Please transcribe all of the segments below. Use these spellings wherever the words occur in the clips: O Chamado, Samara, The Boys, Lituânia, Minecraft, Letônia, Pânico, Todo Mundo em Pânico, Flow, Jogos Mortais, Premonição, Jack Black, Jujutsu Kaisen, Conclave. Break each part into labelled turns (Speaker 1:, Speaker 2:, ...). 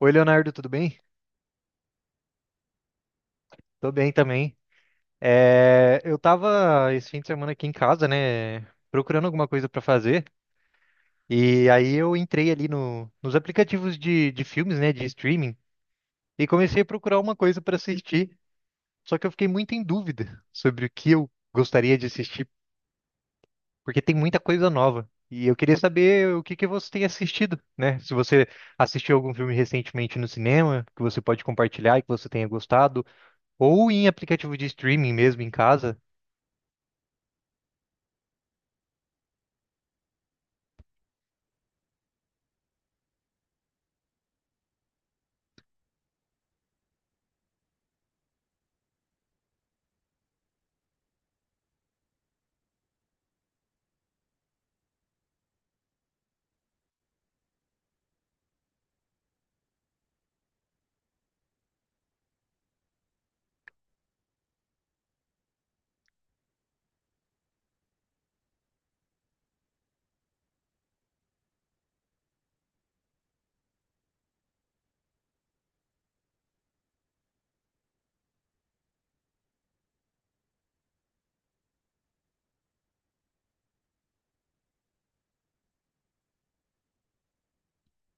Speaker 1: Oi, Leonardo, tudo bem? Tô bem também. Eu tava esse fim de semana aqui em casa, né, procurando alguma coisa pra fazer, e aí eu entrei ali nos aplicativos de filmes, né, de streaming, e comecei a procurar uma coisa pra assistir. Só que eu fiquei muito em dúvida sobre o que eu gostaria de assistir, porque tem muita coisa nova. E eu queria saber o que que você tem assistido, né? Se você assistiu algum filme recentemente no cinema, que você pode compartilhar e que você tenha gostado, ou em aplicativo de streaming mesmo em casa.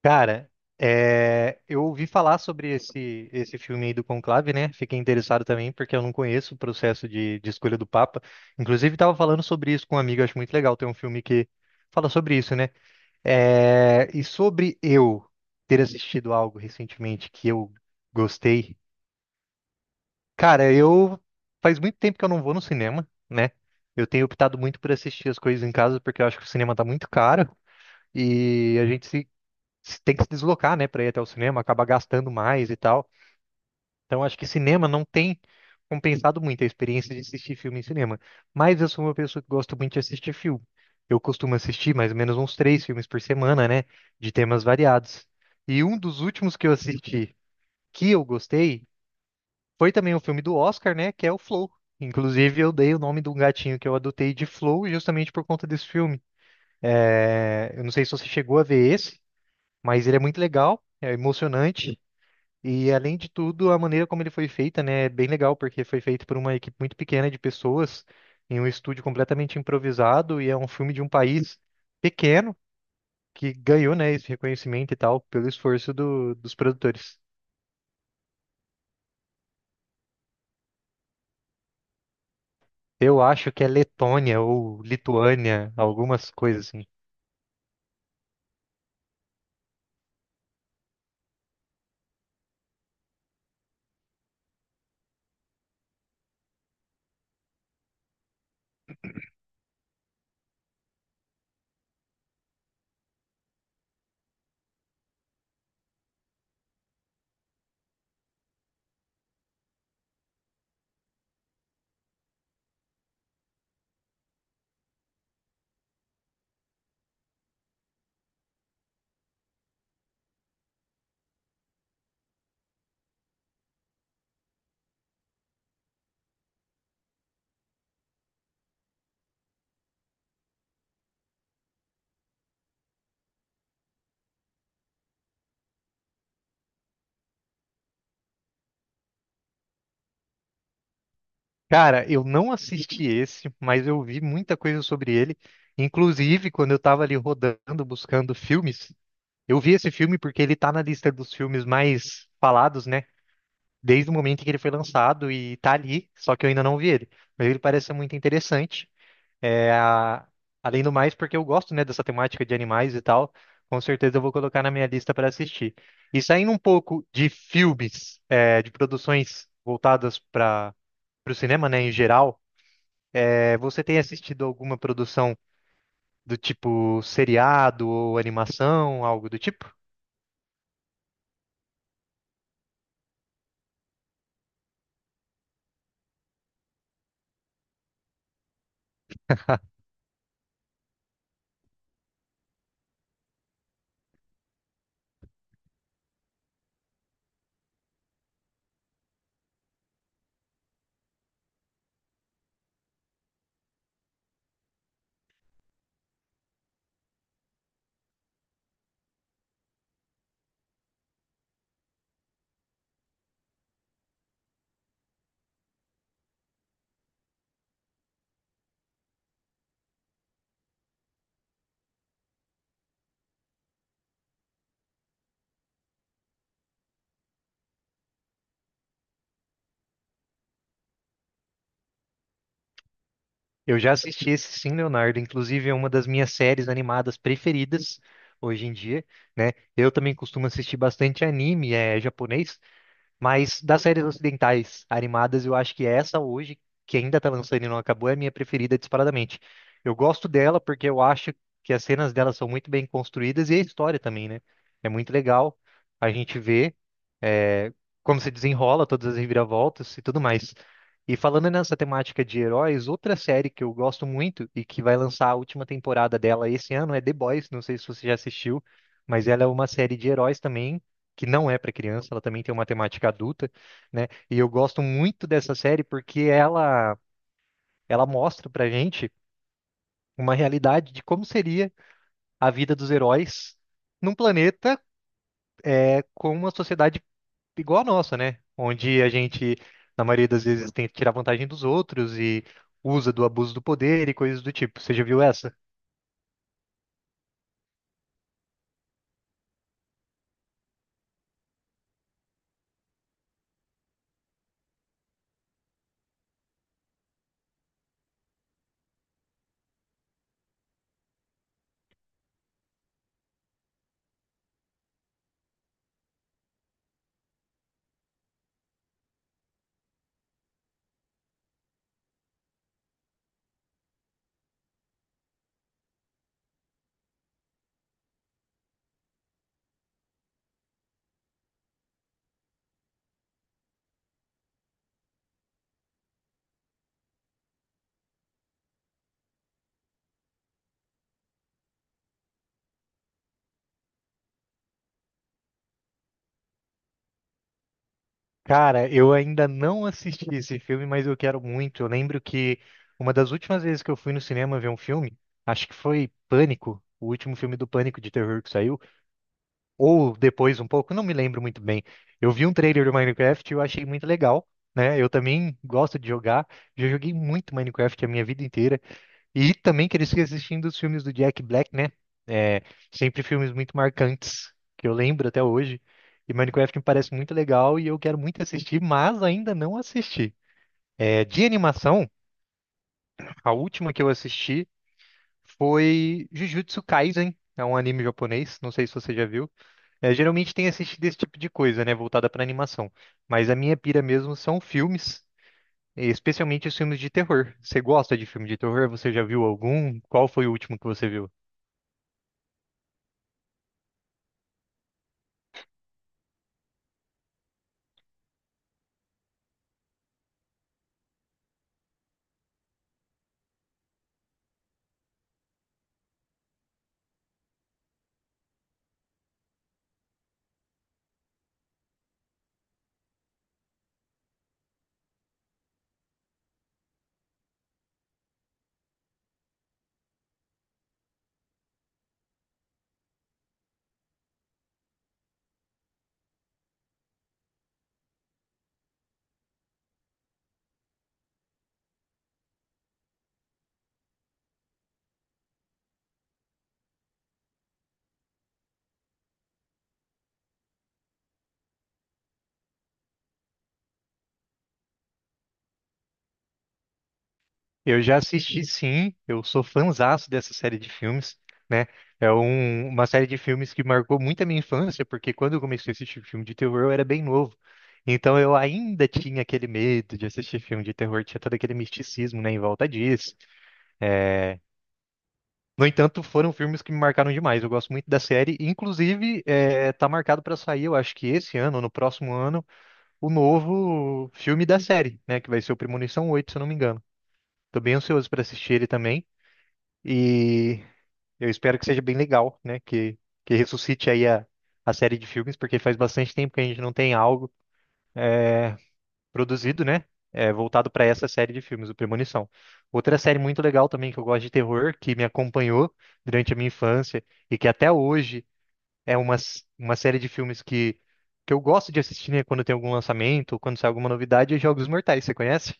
Speaker 1: Cara, eu ouvi falar sobre esse filme aí do Conclave, né? Fiquei interessado também, porque eu não conheço o processo de escolha do Papa. Inclusive, estava falando sobre isso com um amigo, acho muito legal ter um filme que fala sobre isso, né? E sobre eu ter assistido algo recentemente que eu gostei. Cara, eu faz muito tempo que eu não vou no cinema, né? Eu tenho optado muito por assistir as coisas em casa, porque eu acho que o cinema tá muito caro. E a gente tem que se deslocar, né, para ir até o cinema, acaba gastando mais e tal. Então acho que cinema não tem compensado muito a experiência de assistir filme em cinema. Mas eu sou uma pessoa que gosto muito de assistir filme. Eu costumo assistir mais ou menos uns três filmes por semana, né, de temas variados. E um dos últimos que eu assisti que eu gostei foi também um filme do Oscar, né, que é o Flow. Inclusive, eu dei o nome de um gatinho que eu adotei de Flow justamente por conta desse filme. Eu não sei se você chegou a ver esse, mas ele é muito legal, é emocionante. E além de tudo, a maneira como ele foi feita, né, é bem legal, porque foi feito por uma equipe muito pequena de pessoas, em um estúdio completamente improvisado, e é um filme de um país pequeno que ganhou, né, esse reconhecimento e tal, pelo esforço dos produtores. Eu acho que é Letônia ou Lituânia, algumas coisas assim. Cara, eu não assisti esse, mas eu vi muita coisa sobre ele. Inclusive, quando eu tava ali rodando, buscando filmes, eu vi esse filme porque ele tá na lista dos filmes mais falados, né? Desde o momento em que ele foi lançado e tá ali, só que eu ainda não vi ele. Mas ele parece ser muito interessante. É, a- além do mais, porque eu gosto, né, dessa temática de animais e tal, com certeza eu vou colocar na minha lista para assistir. E saindo um pouco de filmes, de produções voltadas para o cinema, né, em geral, você tem assistido alguma produção do tipo seriado ou animação, algo do tipo? Eu já assisti esse. Sim, Leonardo, inclusive é uma das minhas séries animadas preferidas hoje em dia, né? Eu também costumo assistir bastante anime, é japonês, mas das séries ocidentais animadas, eu acho que essa hoje, que ainda tá lançando e não acabou, é a minha preferida disparadamente. Eu gosto dela porque eu acho que as cenas dela são muito bem construídas e a história também, né? É muito legal a gente ver é, como se desenrola todas as reviravoltas e tudo mais. E falando nessa temática de heróis, outra série que eu gosto muito e que vai lançar a última temporada dela esse ano é The Boys. Não sei se você já assistiu, mas ela é uma série de heróis também, que não é para criança, ela também tem uma temática adulta, né? E eu gosto muito dessa série porque ela mostra pra gente uma realidade de como seria a vida dos heróis num planeta, né, com uma sociedade igual a nossa, né? Onde a gente, na maioria das vezes, tenta tirar vantagem dos outros e usa do abuso do poder e coisas do tipo. Você já viu essa? Cara, eu ainda não assisti esse filme, mas eu quero muito. Eu lembro que uma das últimas vezes que eu fui no cinema ver um filme, acho que foi Pânico, o último filme do Pânico de terror que saiu. Ou depois um pouco, não me lembro muito bem. Eu vi um trailer do Minecraft e eu achei muito legal, né? Eu também gosto de jogar, já joguei muito Minecraft a minha vida inteira. E também cresci assistindo os filmes do Jack Black, né? É, sempre filmes muito marcantes, que eu lembro até hoje. E Minecraft me parece muito legal e eu quero muito assistir, mas ainda não assisti. De animação, a última que eu assisti foi Jujutsu Kaisen, é um anime japonês, não sei se você já viu. Geralmente tem assistido esse tipo de coisa, né, voltada para animação. Mas a minha pira mesmo são filmes, e especialmente os filmes de terror. Você gosta de filme de terror? Você já viu algum? Qual foi o último que você viu? Eu já assisti, sim. Eu sou fãzaço dessa série de filmes, né? Uma série de filmes que marcou muito a minha infância, porque quando eu comecei a assistir filme de terror, eu era bem novo. Então eu ainda tinha aquele medo de assistir filme de terror, tinha todo aquele misticismo, né, em volta disso. É, No entanto, foram filmes que me marcaram demais. Eu gosto muito da série. Inclusive, tá marcado pra sair, eu acho que esse ano, ou no próximo ano, o novo filme da série, né? Que vai ser o Premonição 8, se eu não me engano. Tô bem ansioso pra assistir ele também. E eu espero que seja bem legal, né? Que ressuscite aí a série de filmes, porque faz bastante tempo que a gente não tem algo produzido, né? Voltado pra essa série de filmes, o Premonição. Outra série muito legal também que eu gosto de terror, que me acompanhou durante a minha infância e que até hoje é uma série de filmes que eu gosto de assistir, né, quando tem algum lançamento, ou quando sai alguma novidade, é Jogos Mortais, você conhece?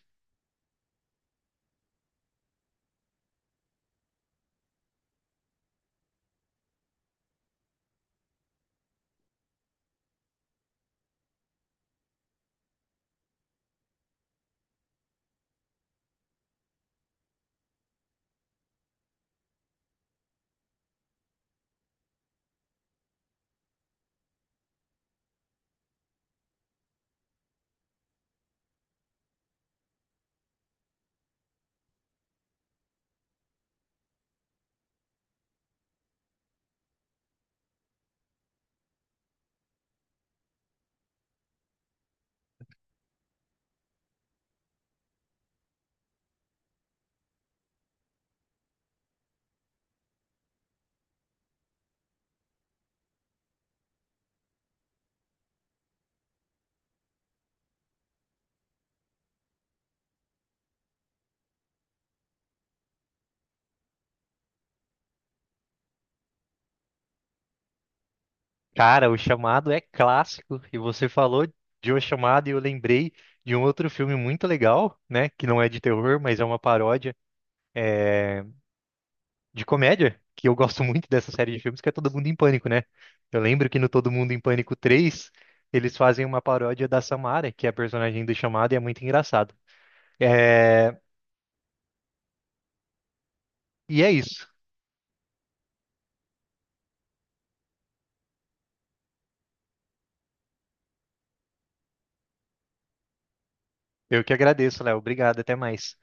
Speaker 1: Cara, O Chamado é clássico, e você falou de O Chamado e eu lembrei de um outro filme muito legal, né, que não é de terror, mas é uma paródia de comédia, que eu gosto muito dessa série de filmes, que é Todo Mundo em Pânico, né? Eu lembro que no Todo Mundo em Pânico 3 eles fazem uma paródia da Samara, que é a personagem do Chamado, e é muito engraçado. É... E é isso. Eu que agradeço, Léo. Obrigado, até mais.